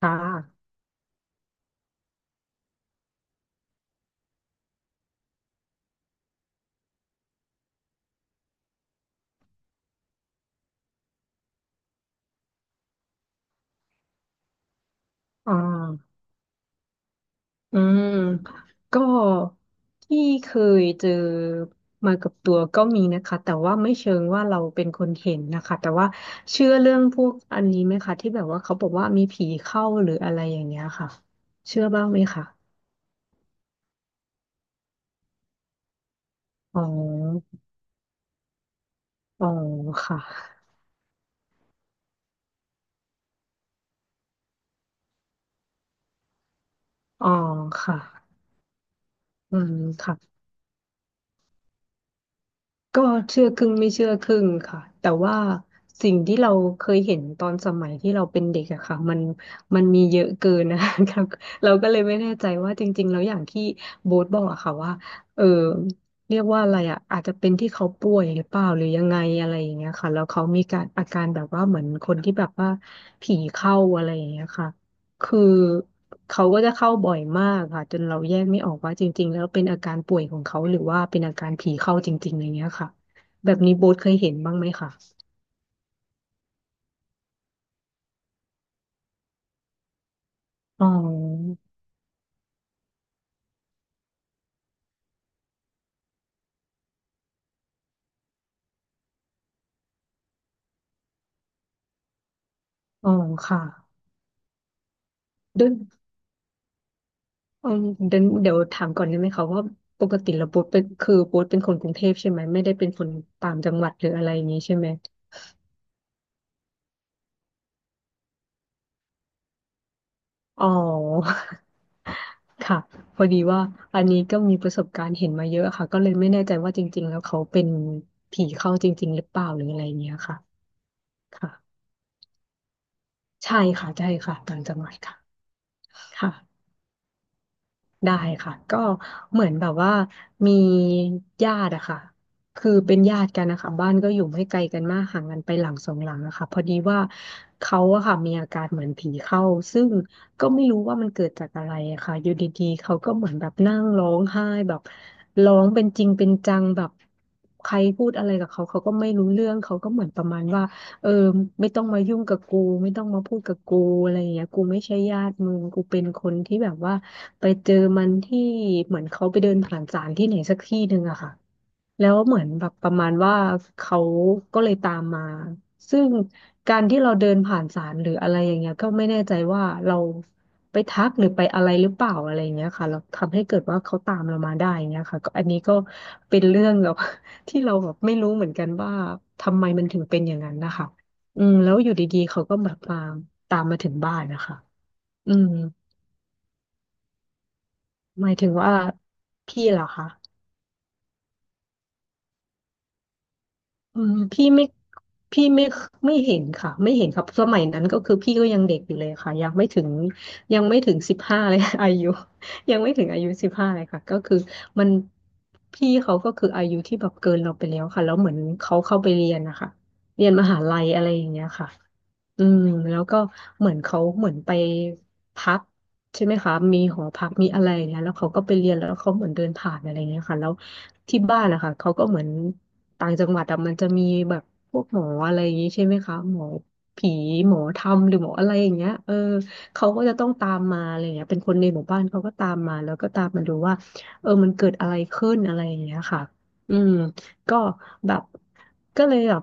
ค่ะอ่าอืมก็ที่เคยเจอมากับตัวก็มีนะคะแต่ว่าไม่เชิงว่าเราเป็นคนเห็นนะคะแต่ว่าเชื่อเรื่องพวกอันนี้ไหมคะที่แบบว่าเขาบอกว่ามีผีเข้าหรืออะไรอย่างเงี้ยค่ะ เชื่อบ้างไหมคะอ๋ออ๋อค่ะอ๋อค่ะอืมค่ะ ก็เชื่อครึ่งไม่เชื่อครึ่งค่ะแต่ว่าสิ่งที่เราเคยเห็นตอนสมัยที่เราเป็นเด็กอะค่ะมันมีเยอะเกินนะ คะเราก็เลยไม่แน่ใจว่าจริงๆแล้วอย่างที่โบ๊ทบอกอะค่ะว่าเออเรียกว่าอะไรอะอาจจะเป็นที่เขาป่วยหรือเปล่าหรือยังไงอะไรอย่างเงี้ยค่ะแล้วเขามีการอาการแบบว่าเหมือนคนที่แบบว่าผีเข้าอะไรอย่างเงี้ยค่ะ คือเขาก็จะเข้าบ่อยมากค่ะจนเราแยกไม่ออกว่าจริงๆแล้วเป็นอาการป่วยของเขาหรือว่าเป็นอาการผีเข้าจริงๆอะไรเงี้ยค่ะแบบนี้โบ๊ทเคยเห็นบ้างไหมคะอ๋ออ๋อค่ะด้วยอืมเดี๋ยวถามก่อนได้ไหมคะว่าปกติแล้วโบ๊ทเป็นคือโบ๊ทเป็นคนกรุงเทพใช่ไหมไม่ได้เป็นคนต่างจังหวัดหรืออะไรอย่างนี้ใช่ไหมอ๋อ ค่ะพอดีว่าอันนี้ก็มีประสบการณ์เห็นมาเยอะค่ะก็เลยไม่แน่ใจว่าจริงๆแล้วเขาเป็นผีเข้าจริงๆหรือเปล่าหรืออะไรอย่างเงี้ยค่ะ ค่ะใช่ค่ะใช่ค่ะต่างจังหวัดค่ะค่ะ ได้ค่ะก็เหมือนแบบว่ามีญาติอะค่ะคือเป็นญาติกันนะคะบ้านก็อยู่ไม่ไกลกันมากห่างกันไปหลังสองหลังอะค่ะพอดีว่าเขาอะค่ะมีอาการเหมือนผีเข้าซึ่งก็ไม่รู้ว่ามันเกิดจากอะไรอะค่ะอยู่ดีๆเขาก็เหมือนแบบนั่งร้องไห้แบบร้องเป็นจริงเป็นจังแบบใครพูดอะไรกับเขาเขาก็ไม่รู้เรื่องเขาก็เหมือนประมาณว่าเออไม่ต้องมายุ่งกับกูไม่ต้องมาพูดกับกูอะไรอย่างเงี้ยกูไม่ใช่ญาติมึงกูเป็นคนที่แบบว่า ไปเจอมันที่เหมือนเขาไปเดินผ่านศาลที่ไหนสักที่หนึ่งอะค่ะแล้วเหมือนแบบประมาณว่าเขาก็เลยตามมาซึ่งการที่เราเดินผ่านศาลหรืออะไรอย่างเงี้ยก็ไม่แน่ใจว่าเราไปทักหรือไปอะไรหรือเปล่าอะไรอย่างเงี้ยค่ะเราทำให้เกิดว่าเขาตามเรามาได้อย่างเงี้ยค่ะก็อันนี้ก็เป็นเรื่องแบบ ที่เราแบบไม่รู้เหมือนกันว่าทำไมมันถึงเป็นอย่างนั้นนะคะแล้วอยู่ดีๆเขาก็แบบมาตามมาถึงบ้านนะคะอืม หมายถึงว่าพี่เหรอคะอืมพี่ไม่พี่ไม่เห็นค่ะไม่เห็นครับสมัยนั้นก็คือพี่ก็ยังเด็กอยู่เลยค่ะยังไม่ถึงสิบห้าเลย อายุยังไม่ถึงอายุสิบห้าเลยค่ะก็คือมันพี่เขาก็คืออายุที่แบบเกินเราไปแล้วค่ะแล้วเหมือนเขาเข้าไปเรียนนะคะเรียนมหาลัยอะไรอย่างเงี้ยค่ะ อืมแล้วก็เหมือนเขาเหมือนไปพักใช่ไหมคะมีหอพักมีอะไรเนี่ยแล้วเขาก็ไปเรียนแล้วเขาเหมือนเดินผ่านอะไรเงี้ยค่ะแล้วที่บ้านนะคะเขาก็เหมือนต่างจังหวัดอะมันจะมีแบบพวกหมออะไรอย่างงี้ใช่ไหมคะหมอผีหมอธรรมหรือหมออะไรอย่างเงี้ยเขาก็จะต้องตามมาอะไรเงี้ยเป็นคนในหมู่บ้านเขาก็ตามมาแล้วก็ตามมาดูว่ามันเกิดอะไรขึ้นอะไรอย่างเงี้ยค่ะอืมก็แบบก็เลยแบบ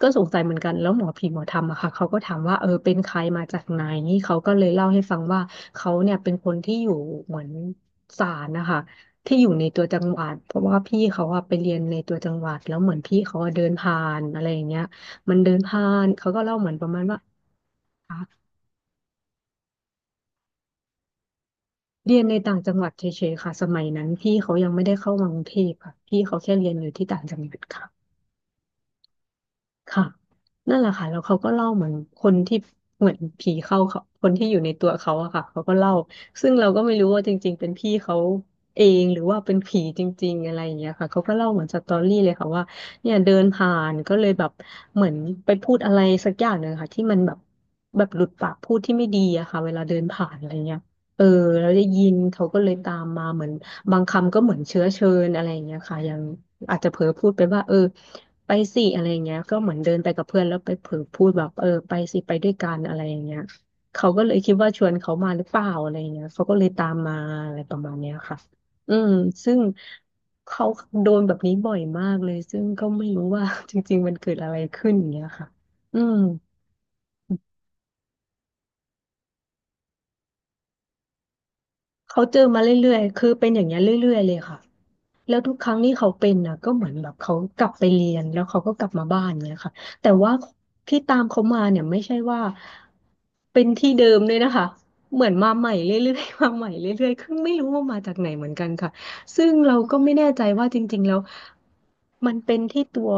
ก็สงสัยเหมือนกันแล้วหมอผีหมอธรรมอะค่ะเขาก็ถามว่าเป็นใครมาจากไหน เขาก็เลยเล่าให้ฟังว่า เขาเนี่ยเป็นคนที่อยู่เหมือนศาลนะคะที่อยู่ในตัวจังหวัด เพราะว่าพี่เขาอะไปเรียนในตัวจังหวัดแล้วเหมือนพี่เขาอะเดินผ่านอะไรอย่างเงี้ยมันเดินผ่านเขาก็เล่าเหมือนประมาณว่าอ่ะเรียนในต่างจังหวัดเฉยๆค่ะสมัยนั้นพี่เขายังไม่ได้เข้ามากรุงเทพค่ะพี่เขาแค่เรียนอยู่ที่ต่างจังหวัดค่ะ ค่ะนั่นแหละค่ะแล้วเขาก็เล่าเหมือนคนที่เหมือนผีเข้าเขาคนที่อยู่ในตัวเขาอะค่ะเขาก็เล่าซึ่งเราก็ไม่รู้ว่าจริงๆเป็นพี่เขาเองหรือว่าเป็นผีจริงๆอะไรอย่างเงี้ยค่ะเขาก็เล่าเหมือนสตอรี่เลยค่ะว่าเนี่ยเดินผ่านก็เลยแบบเหมือนไปพูดอะไรสักอย่างหนึ่งค่ะที่มันแบบหลุดปากพูดที่ไม่ดีอะค่ะเวลาเดินผ่านอะไรเงี้ย เออเราได้ยินเขาก็เลยตามมาเหมือนบางคำก็เหมือนเชื้อเชิญอะไรอย่างเงี้ยค่ะยังอาจจะเผลอพูดไปว่าเออไปสิอะไรอย่างเงี้ยก็เหมือนเดินไปกับเพื่อนแล้วไปเผลอพูดแบบเออไปสิไปด้วยกันอะไรอย่างเงี้ยเขาก็เลยคิดว่าชวนเขามาหรือเปล่าอะไรอย่างเงี้ยเขาก็เลยตามมาอะไรประมาณเนี้ยค่ะอืมซึ่งเขาโดนแบบนี้บ่อยมากเลยซึ่งก็ไม่รู้ว่า จริงๆมันเกิดอะไรขึ้นอย่างเงี้ยค่ะอืมเขาเจอมาเรื่อยๆคือเป็นอย่างเงี้ยเรื่อยๆเลยค่ะ แล้วทุกครั้งที่เขาเป็นอ่ะก็เหมือนแบบเขากลับไปเรียนแล้วเขาก็กลับมาบ้านเนี่ยค่ะแต่ว่าที่ตามเขามาเนี่ยไม่ใช่ว่าเป็นที่เดิมเลยนะคะเหมือนมาใหม่เรื่อยๆ มาใหม่เรื่อยๆคือไม่รู้ว่ามาจากไหนเหมือนกันค่ะซึ่งเราก็ไม่แน่ใจว่าจริงๆแล้วมันเป็นที่ตัว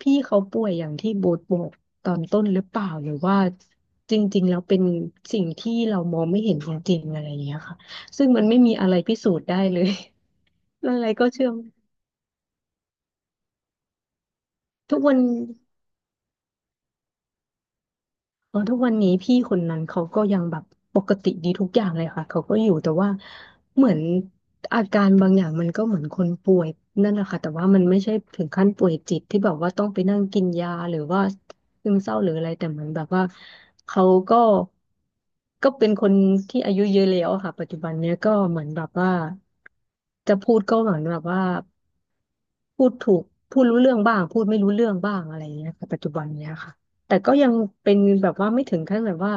พี่เขาป่วยอย่างที่โบทบอกตอนต้นหรือเปล่าหรือว่าจริงๆแล้วเป็นสิ่งที่เรามองไม่เห็นจริงๆอะไรอย่างเงี้ยค่ะซึ่งมันไม่มีอะไรพิสูจน์ได้เลย อะไรก็เชื่อม ทุกวันเออทุกวันนี้พี่คนนั้นเขาก็ยังแบบปกติดีทุกอย่างเลยค่ะเขาก็อยู่แต่ว่าเหมือนอาการบางอย่างมันก็เหมือนคนป่วยนั่นแหละค่ะแต่ว่ามันไม่ใช่ถึงขั้นป่วยจิตที่แบบว่าต้องไปนั่งกินยาหรือว่าซึมเศร้าหรืออะไรแต่เหมือนแบบว่าเขาก็ก็เป็นคนที่อายุเยอะแล้วอะค่ะปัจจุบันเนี้ยก็เหมือนแบบว่าจะพูดก็เหมือนแบบว่าพูดถูกพูดรู้เรื่องบ้างพูดไม่รู้เรื่องบ้างอะไรอย่างเงี้ยค่ะปัจจุบันเนี้ยค่ะ แต่ก็ยังเป็นแบบว่าไม่ถึงขั้นแบบว่า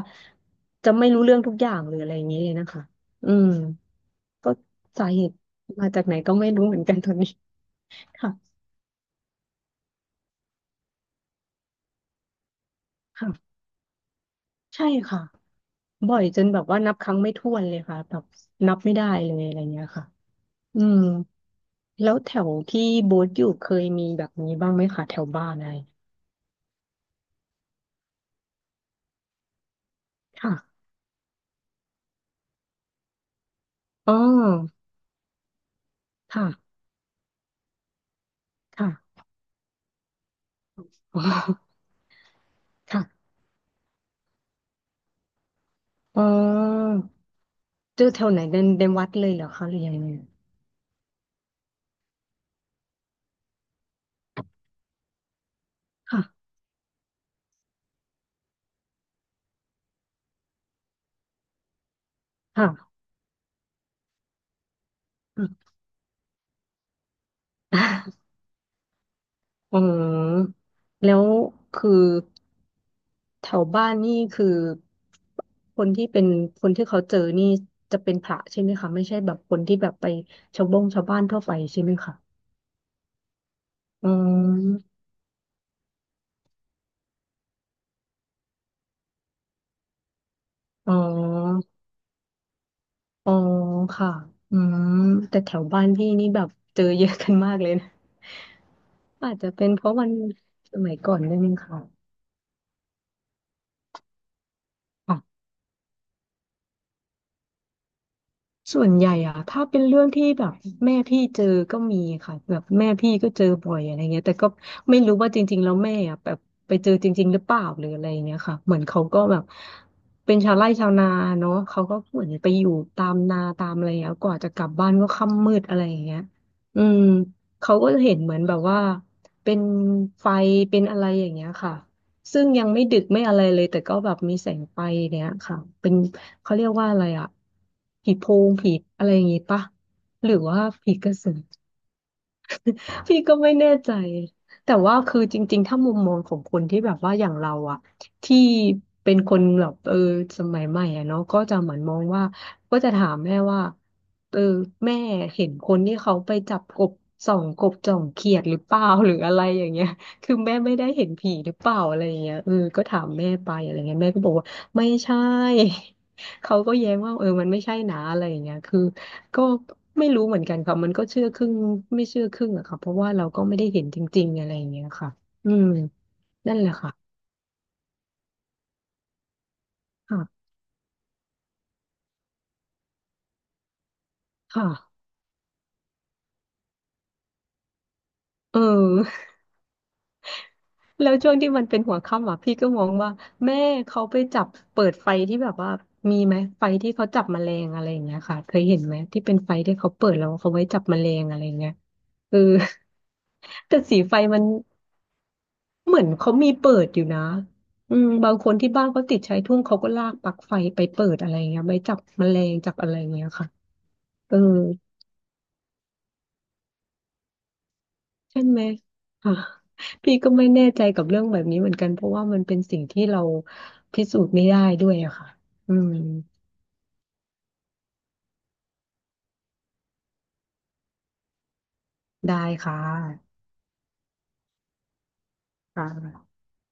จะไม่รู้เรื่องทุกอย่างหรืออะไรอย่างนี้เลยนะคะอืมก็สาเหตุมาจากไหนก็ไม่รู้เหมือนกันตอนนี้ ค่ะค่ะใช่ค่ะ บ่อยจนแบบว่านับครั้งไม่ถ้วนเลยค่ะแบบนับไม่ได้เลยอะไรเงี้ยค่ะอืมแล้วแถวที่โบ๊ทอยู่เคยมีแบบนี้บ้างไหมคะแถวบ้านอะไรค่ะอ๋อค่ะค่ะอ๋อค่ะอ๋อเจอแถวไหนในวัดเลยเหรอคะหรือยังไงค่ะค่ะ อืมแล้วคือแถวบ้านนี่คือคนที่เป็นคนที่เขาเจอนี่จะเป็นพระใช่ไหมคะไม่ใช่แบบคนที่แบบไปชาวบ้านทั่วไปใช่ไหมคะอืมอ๋ออ๋อค่ะอืมแต่แถวบ้านพี่นี่แบบเจอเยอะกันมากเลยนะอาจจะเป็นเพราะวันสมัยก่อนด้วยมั้งค่ะ ส่วนใหญ่อะถ้าเป็นเรื่องที่แบบแม่พี่เจอก็มีค่ะแบบแม่พี่ก็เจอบ่อยอะไรเงี้ยแต่ก็ไม่รู้ว่าจริงๆแล้วแม่อะแบบไปเจอจริงๆหรือเปล่าหรืออะไรเงี้ยค่ะเหมือนเขาก็แบบเป็นชาวไร่ชาวนาเนาะเขาก็เหมือนไปอยู่ตามนาตามอะไรอย่างเงี้ยกว่าจะกลับบ้านก็ค่ำมืดอะไรอย่างเงี้ยอืมเขาก็เห็นเหมือนแบบว่าเป็นไฟเป็นอะไรอย่างเงี้ยค่ะ ซึ่งยังไม่ดึกไม่อะไรเลยแต่ก็แบบมีแสงไฟเนี้ยค่ะเป็นเขาเรียกว่าอะไรอะผีโพงผีอะไรอย่างงี้ปะหรือว่าผีกระสือ พี่ก็ไม่แน่ใจ แต่ว่าคือจริงๆถ้ามุมมองของคนที่แบบว่าอย่างเราอะที่เป็นคนแบบเออสมัยใหม่อะเนาะก็จะเหมือนมองว่าก็จะถามแม่ว่าเออแม่เห็นคนที่เขาไปจับกบส่องกบจ่องเขียดหรือเปล่าหรืออะไรอย่างเงี้ยคือแม่ไม่ได้เห็นผีหรือเปล่าอะไรอย่างเงี้ยเออก็ถามแม่ไปอะไรเงี้ยแม่ก็บอกว่าไม่ใช่ เขาก็แย้งว่าเออมันไม่ใช่นะอะไรอย่างเงี้ยคือ ก็ไม่รู้เหมือนกันค่ะมันก็เชื่อครึ่งไม่เชื่อครึ่งอะค่ะเพราะว่าเราก็ไม่ได้เห็นจริงๆอะไรอย่างเงี้ยค่ะอืมนั่นแหละค่ะค่ะค่ะเออ แล้วช่วงที่มันเป็นหัวค่ำอ่ะพี่ก็มองว่าแม่เขาไปจับเปิดไฟที่แบบว่ามีไหมไฟที่เขาจับแมลงอะไรอย่างเงี้ยค่ะเคยเห็นไหมที่เป็นไฟที่เขาเปิดแล้วเขาไว้จับแมลงอะไรอย่างเงี้ยเออ แต่สีไฟมัน เหมือนเขามีเปิดอยู่นะอืมบางคนที่บ้านเขาติดชายทุ่งเขาก็ลากปลั๊กไฟไปเปิดอะไรเงี้ยไปจับแมลงจับอะไรเงี้ยค่ะเออใช่ไหมอ่ะพี่ก็ไม่แน่ใจกับเรื่องแบบนี้เหมือนกันเพราะว่ามันเป็นสิ่งที่เราพิสูจน์ไม่ได้ด้วยอะค่ะอืมได้ค่ะค่ะ